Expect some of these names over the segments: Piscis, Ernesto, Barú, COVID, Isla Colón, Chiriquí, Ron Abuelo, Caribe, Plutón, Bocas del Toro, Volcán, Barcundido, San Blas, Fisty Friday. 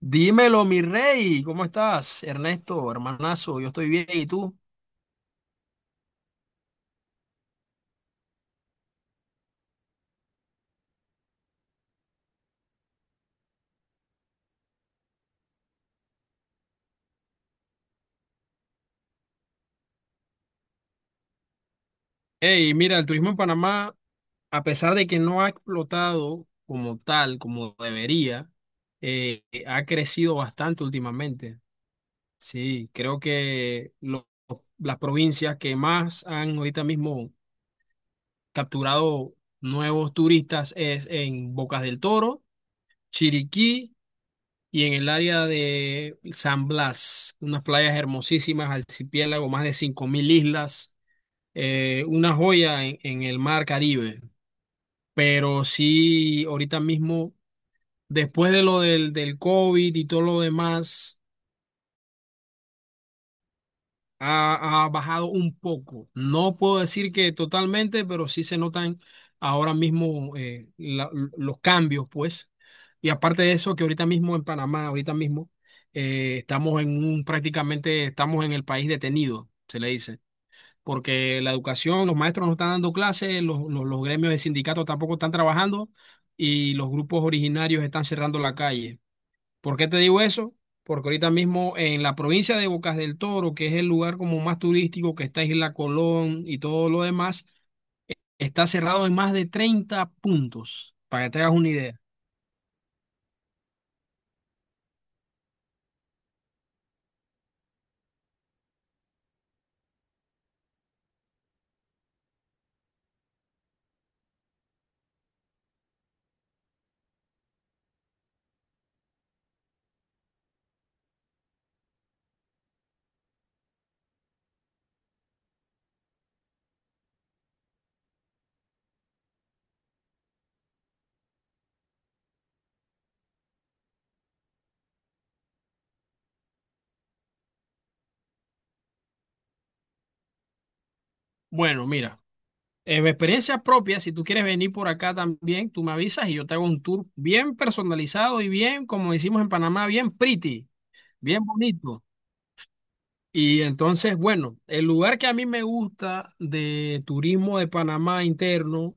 Dímelo, mi rey, ¿cómo estás? Ernesto, hermanazo, yo estoy bien, ¿y tú? Hey, mira, el turismo en Panamá, a pesar de que no ha explotado como tal, como debería, ha crecido bastante últimamente. Sí, creo que las provincias que más han ahorita mismo capturado nuevos turistas es en Bocas del Toro, Chiriquí y en el área de San Blas, unas playas hermosísimas, archipiélago, más de 5,000 islas, una joya en el mar Caribe. Pero sí, ahorita mismo, después de lo del COVID y todo lo demás, ha bajado un poco. No puedo decir que totalmente, pero sí se notan ahora mismo los cambios, pues. Y aparte de eso, que ahorita mismo en Panamá, ahorita mismo, prácticamente estamos en el país detenido, se le dice. Porque la educación, los maestros no están dando clases, los gremios de sindicatos tampoco están trabajando y los grupos originarios están cerrando la calle. ¿Por qué te digo eso? Porque ahorita mismo en la provincia de Bocas del Toro, que es el lugar como más turístico, que está Isla Colón y todo lo demás, eh, está cerrado en más de 30 puntos, para que te hagas una idea. Bueno, mira, en mi experiencia propia, si tú quieres venir por acá también, tú me avisas y yo te hago un tour bien personalizado y bien, como decimos en Panamá, bien pretty, bien bonito. Y entonces, bueno, el lugar que a mí me gusta de turismo de Panamá interno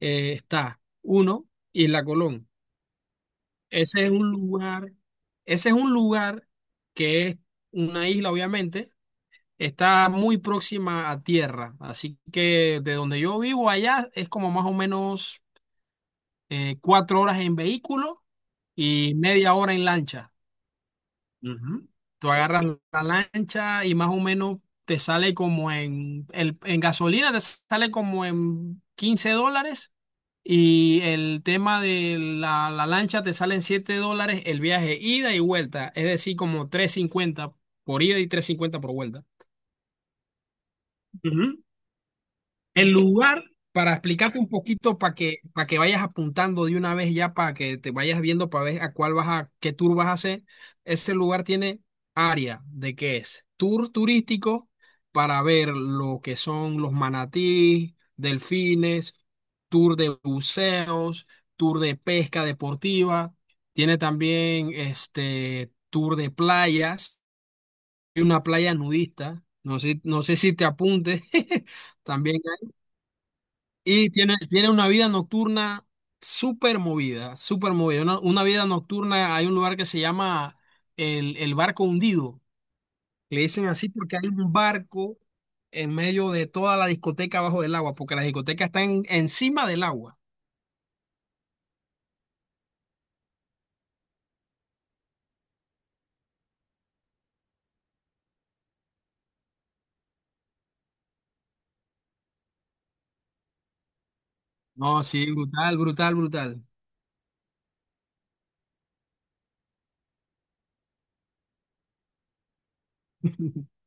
está uno y la Colón. Ese es un lugar, ese es un lugar que es una isla, obviamente, está muy próxima a tierra, así que de donde yo vivo allá es como más o menos 4 horas en vehículo y media hora en lancha. Ujú. Tú agarras la lancha y más o menos te sale como en gasolina, te sale como en $15 y el tema de la lancha te sale en $7 el viaje ida y vuelta, es decir, como 350 por ida y 350 por vuelta. Ujú. El lugar, para explicarte un poquito, para que vayas apuntando de una vez ya, para que te vayas viendo, para ver a cuál vas a, qué tour vas a hacer, ese lugar tiene área de que es tour turístico para ver lo que son los manatí, delfines, tour de buceos, tour de pesca deportiva, tiene también este tour de playas, y una playa nudista, no sé si te apuntes. También y tiene una vida nocturna súper movida, súper movida. Una vida nocturna, hay un lugar que se llama el barco hundido. Le dicen así porque hay un barco en medio de toda la discoteca abajo del agua, porque la discoteca está encima del agua. No, sí, brutal, brutal, brutal.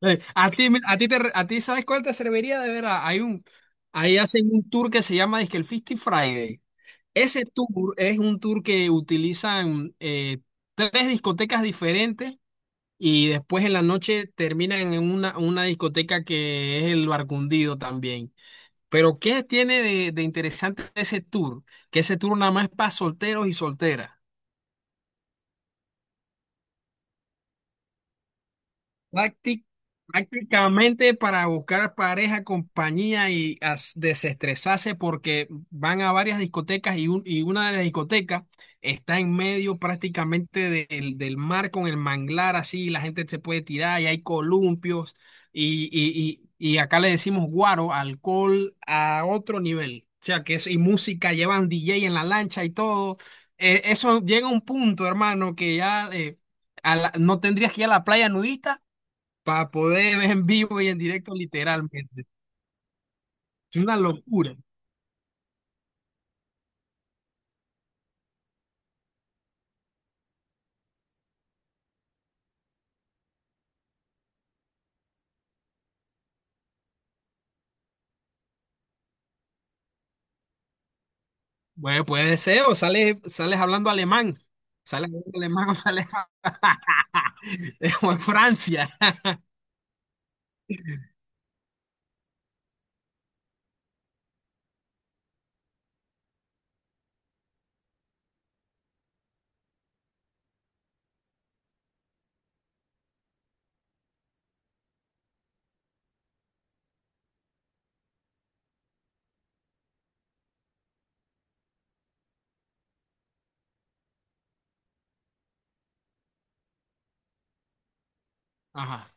A ti, mira, a ti ¿sabes cuál te serviría de ver? Ahí hacen un tour que se llama dizque el Fisty Friday. Ese tour es un tour que utilizan tres discotecas diferentes y después en la noche terminan en una discoteca que es el Barcundido también. Pero ¿qué tiene de interesante ese tour? Que ese tour nada más es para solteros y solteras. Prácti- prácticamente para buscar pareja, compañía y desestresarse porque van a varias discotecas y una de las discotecas está en medio prácticamente del mar con el manglar así, y la gente se puede tirar y hay columpios y acá le decimos guaro, alcohol a otro nivel. O sea, y música, llevan DJ en la lancha y todo. Eso llega a un punto, hermano, que ya no tendrías que ir a la playa nudista para poder ver en vivo y en directo literalmente. Es una locura. Bueno, puede ser, o sales hablando alemán o sales o en Francia. Ajá.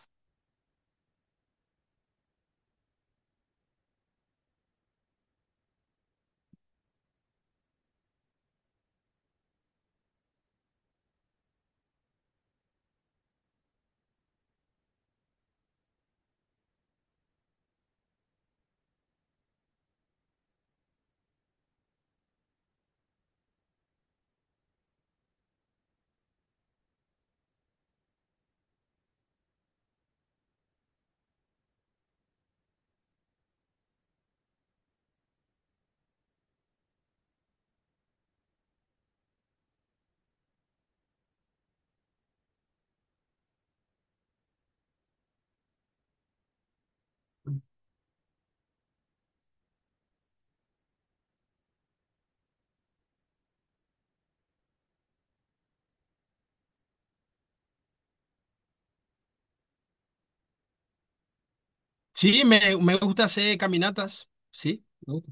Sí, me gusta hacer caminatas, sí. Me gusta.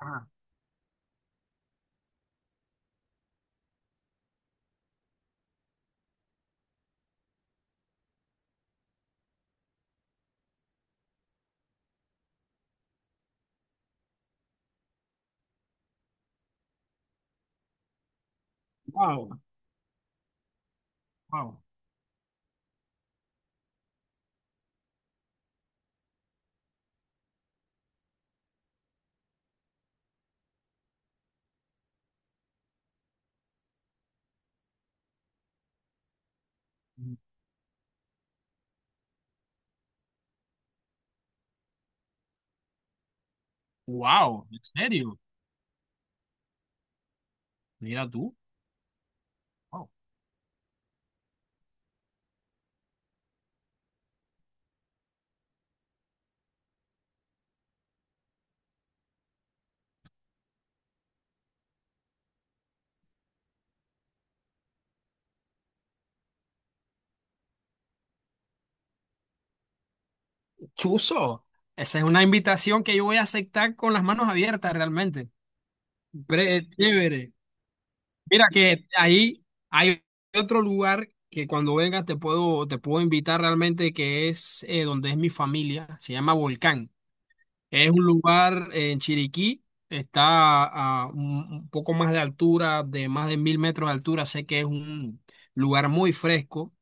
Ah, wow, wow. Wow, ¿en serio? Mira tú. Wow. Chuzo, esa es una invitación que yo voy a aceptar con las manos abiertas realmente. Chévere. Mira que ahí hay otro lugar que cuando vengas te puedo invitar realmente que es donde es mi familia, se llama Volcán. Es un lugar en Chiriquí, está a un poco más de altura, de más de 1,000 metros de altura, sé que es un lugar muy fresco.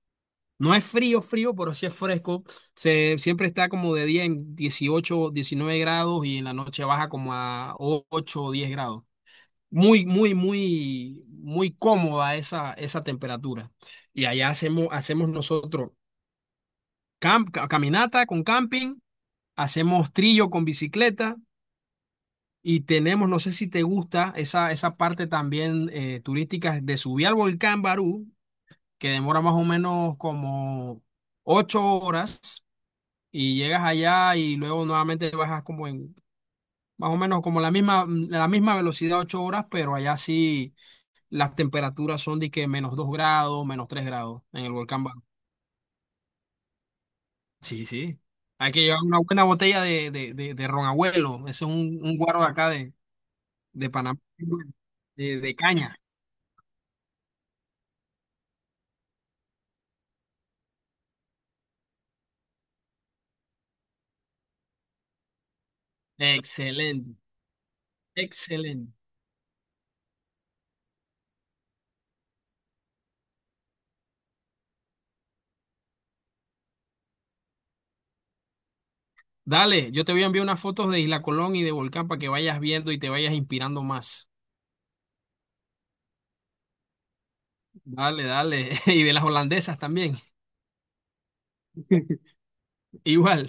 No es frío, frío, pero sí es fresco. Siempre está como de día en 18, 19 grados y en la noche baja como a 8 o 10 grados muy, muy, muy, muy cómoda esa temperatura. Y allá hacemos nosotros caminata con camping, hacemos trillo con bicicleta y tenemos, no sé si te gusta, esa parte también turística de subir al volcán Barú, que demora más o menos como 8 horas y llegas allá y luego nuevamente bajas Más o menos como la misma velocidad, 8 horas, pero allá sí, las temperaturas son de que menos 2 grados, menos 3 grados en el volcán Barú. Sí, sí. Hay que llevar una buena botella de ron abuelo. Ese es un guaro de acá de Panamá, de caña. Excelente, excelente. Dale, yo te voy a enviar unas fotos de Isla Colón y de Volcán para que vayas viendo y te vayas inspirando más. Dale, dale. Y de las holandesas también. Igual.